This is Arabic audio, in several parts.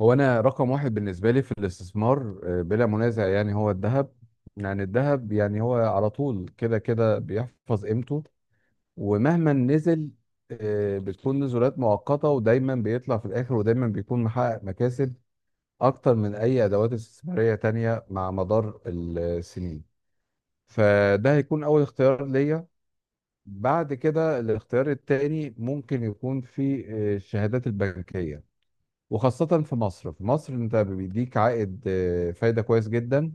هو انا رقم واحد بالنسبه لي في الاستثمار، بلا منازع يعني هو الذهب. يعني الذهب، يعني هو على طول كده كده بيحفظ قيمته. ومهما نزل، بتكون نزولات مؤقته، ودايما بيطلع في الاخر، ودايما بيكون محقق مكاسب اكتر من اي ادوات استثماريه تانية مع مدار السنين. فده هيكون اول اختيار ليا. بعد كده الاختيار التاني ممكن يكون في الشهادات البنكيه. وخاصة في مصر انت بيديك عائد، فايدة كويس جدا،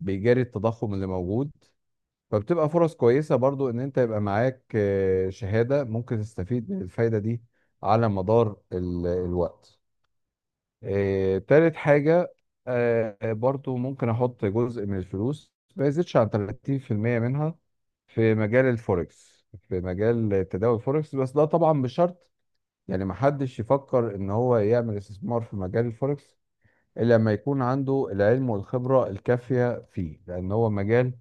بيجاري التضخم اللي موجود. فبتبقى فرص كويسة برضو ان انت يبقى معاك شهادة ممكن تستفيد من الفايدة دي على مدار الوقت. تالت حاجة، برضو ممكن احط جزء من الفلوس ما يزيدش عن 30% منها في مجال تداول الفوركس، بس ده طبعا بشرط. يعني محدش يفكر ان هو يعمل استثمار في مجال الفوركس لما يكون عنده العلم والخبرة الكافية فيه، لأن هو مجال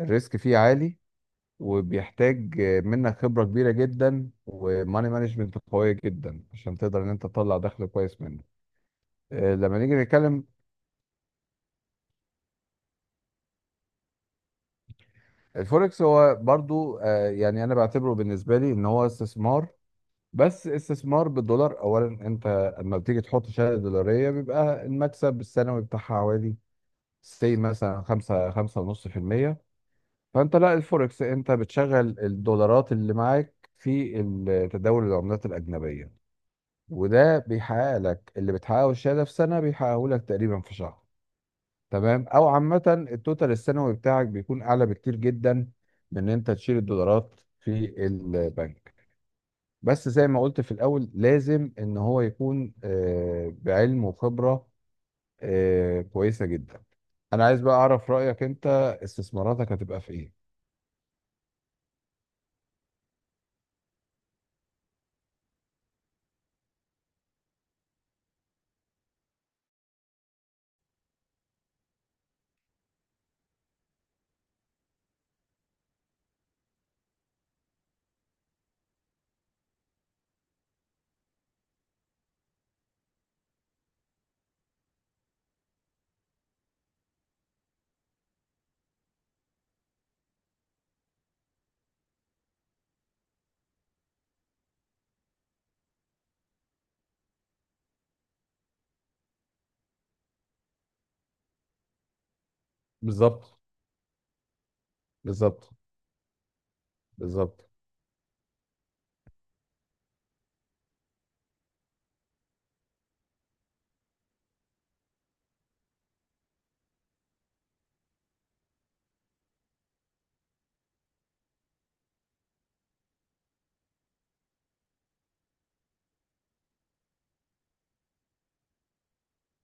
الريسك فيه عالي، وبيحتاج منك خبرة كبيرة جدا وماني مانجمنت قوية جدا عشان تقدر إن أنت تطلع دخل كويس منه. لما نيجي نتكلم الفوركس، هو برضو يعني أنا بعتبره بالنسبة لي إن هو استثمار، بس استثمار بالدولار. أولا، أنت لما بتيجي تحط شهادة دولارية بيبقى المكسب السنوي بتاعها حوالي سي مثلا 5 5.5%. فانت لا، الفوركس انت بتشغل الدولارات اللي معاك في تداول العملات الاجنبيه، وده بيحقق لك اللي بتحققه الشهاده في سنه، بيحققه لك تقريبا في شهر. تمام. او عامه، التوتال السنوي بتاعك بيكون اعلى بكتير جدا من ان انت تشيل الدولارات في البنك. بس زي ما قلت في الاول، لازم ان هو يكون بعلم وخبره كويسه جدا. انا عايز بقى اعرف رايك انت، استثماراتك هتبقى في ايه؟ بالظبط. بالظبط. بالظبط.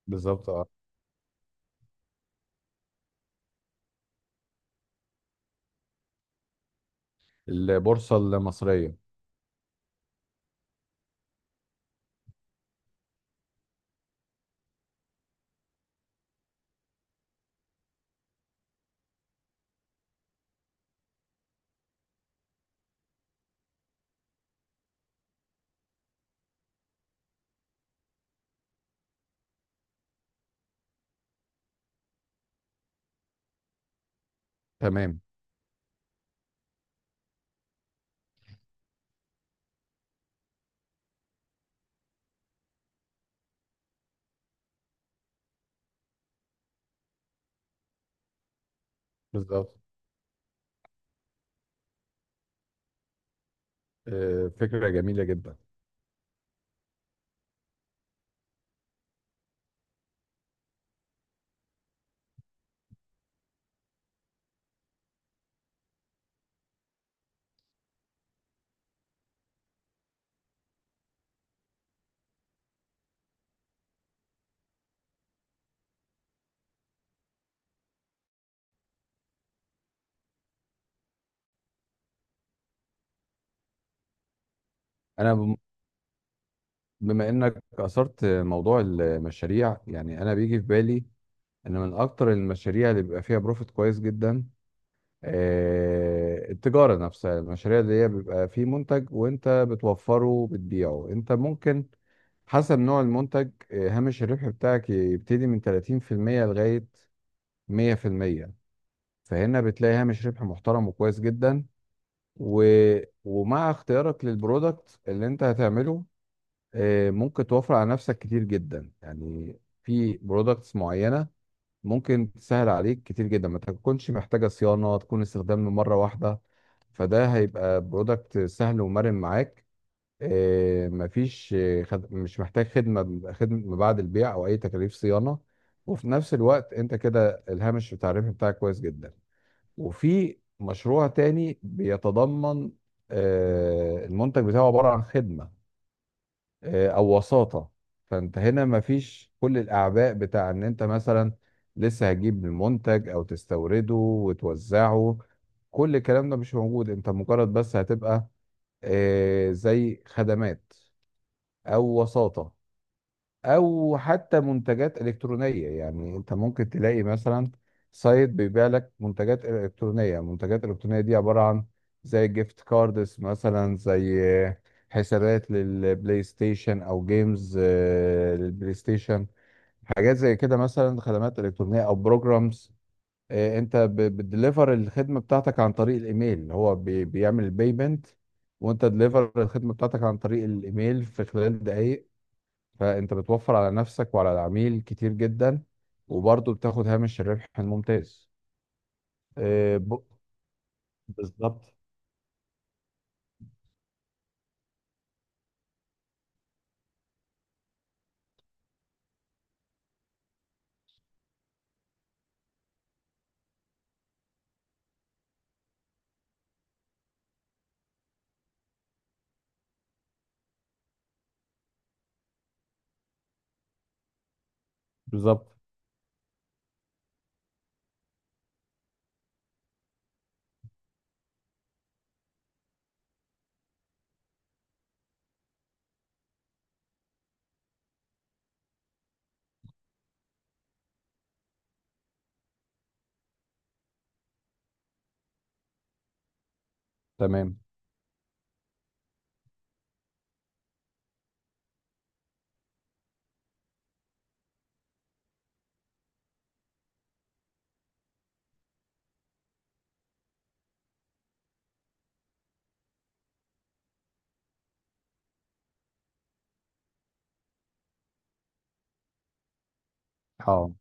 بالظبط، اه. البورصة المصرية. تمام. بالظبط. فكرة جميلة جدا. انا بما انك اثرت موضوع المشاريع، يعني انا بيجي في بالي ان من اكتر المشاريع اللي بيبقى فيها بروفيت كويس جدا، التجارة نفسها. المشاريع اللي هي بيبقى فيه منتج وانت بتوفره وبتبيعه، انت ممكن، حسب نوع المنتج، هامش الربح بتاعك يبتدي من 30% لغاية 100%. فهنا بتلاقي هامش ربح محترم وكويس جدا. و... ومع اختيارك للبرودكت اللي انت هتعمله، ممكن توفر على نفسك كتير جدا. يعني في برودكتس معينة ممكن تسهل عليك كتير جدا، ما تكونش محتاجة صيانة، تكون استخدام من مرة واحدة. فده هيبقى برودكت سهل ومرن معاك. مفيش مش محتاج خدمة بعد البيع أو أي تكاليف صيانة. وفي نفس الوقت أنت كده الهامش بتاع الربح بتاعك كويس جدا. وفي مشروع تاني بيتضمن المنتج بتاعه عبارة عن خدمة، أو وساطة. فأنت هنا مفيش كل الأعباء بتاع إن أنت مثلا لسه هتجيب المنتج أو تستورده وتوزعه، كل الكلام ده مش موجود. أنت مجرد بس هتبقى زي خدمات أو وساطة، او حتى منتجات الكترونيه. يعني انت ممكن تلاقي مثلا سايت بيبيع لك منتجات الالكترونيه، دي عباره عن زي جيفت كاردز مثلا، زي حسابات للبلاي ستيشن او جيمز، للبلاي ستيشن. حاجات زي كده، مثلا خدمات الكترونيه او بروجرامز. انت بتدليفر الخدمه بتاعتك عن طريق الايميل، هو بيعمل البيمنت، وانت دليفر الخدمه بتاعتك عن طريق الايميل في خلال دقائق. فانت بتوفر على نفسك وعلى العميل كتير جدا، وبرضه بتاخد هامش الربح الممتاز. آه، ب- بالظبط. بالظبط. تمام، اه.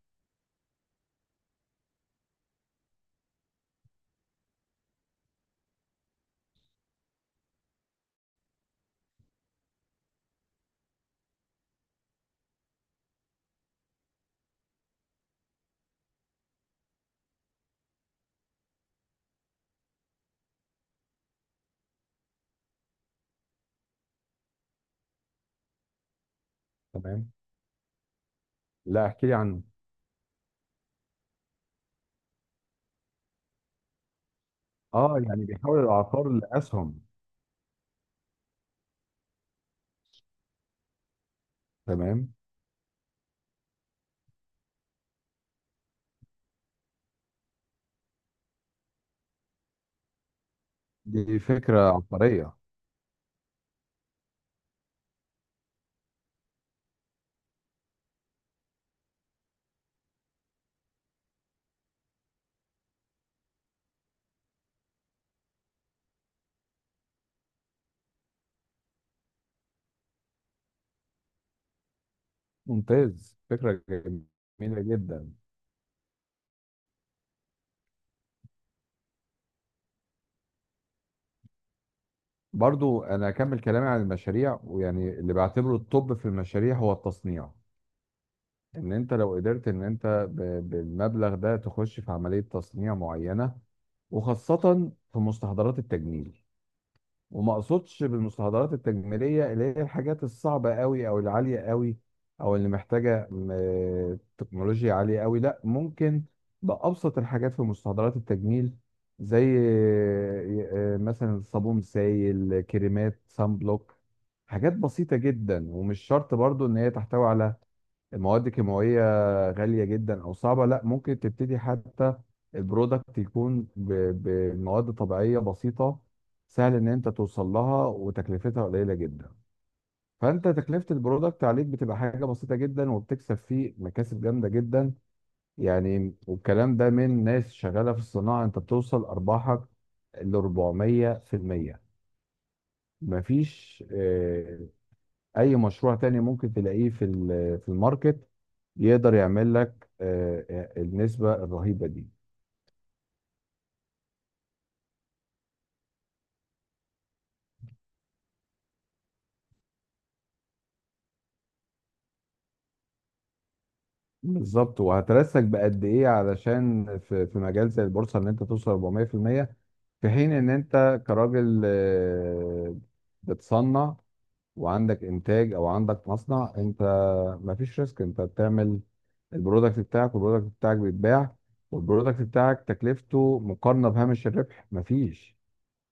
تمام. لا، احكي لي عنه. اه، يعني بيحول العقار لاسهم. تمام، دي فكره عبقريه. ممتاز، فكره جميله جدا. برضو انا اكمل كلامي عن المشاريع، ويعني اللي بعتبره الطب في المشاريع هو التصنيع. ان انت لو قدرت ان انت بالمبلغ ده تخش في عملية تصنيع معينة، وخاصة في مستحضرات التجميل. وما اقصدش بالمستحضرات التجميلية اللي هي الحاجات الصعبة قوي او العالية قوي او اللي محتاجة تكنولوجيا عالية قوي. لا، ممكن بأبسط الحاجات في مستحضرات التجميل، زي مثلا صابون سائل، كريمات سان بلوك. حاجات بسيطة جدا، ومش شرط برضو ان هي تحتوي على مواد كيماوية غالية جدا أو صعبة. لا، ممكن تبتدي حتى البرودكت يكون بمواد طبيعية بسيطة، سهل إن أنت توصل لها وتكلفتها قليلة جدا. فأنت تكلفة البرودكت عليك بتبقى حاجة بسيطة جدا، وبتكسب فيه مكاسب جامدة جدا يعني. والكلام ده من ناس شغالة في الصناعة. أنت بتوصل أرباحك ل 400%. مفيش اي مشروع تاني ممكن تلاقيه في في الماركت يقدر يعمل لك النسبة الرهيبة دي. بالظبط. وهترسك بقد ايه علشان في مجال زي البورصة ان انت توصل 400% في المية، في حين ان انت كراجل، بتصنع وعندك انتاج او عندك مصنع، انت مفيش ريسك. انت بتعمل البرودكت بتاعك، والبرودكت بتاعك بيتباع، والبرودكت بتاعك تكلفته مقارنة بهامش الربح مفيش.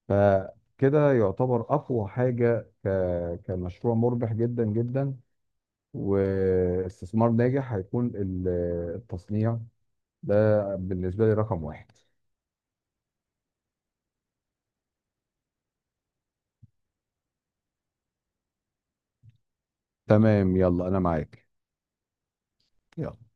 فكده يعتبر اقوى حاجه كمشروع مربح جدا جدا، واستثمار ناجح. هيكون التصنيع ده بالنسبه لي رقم واحد. تمام، يلا انا معاك. يلا.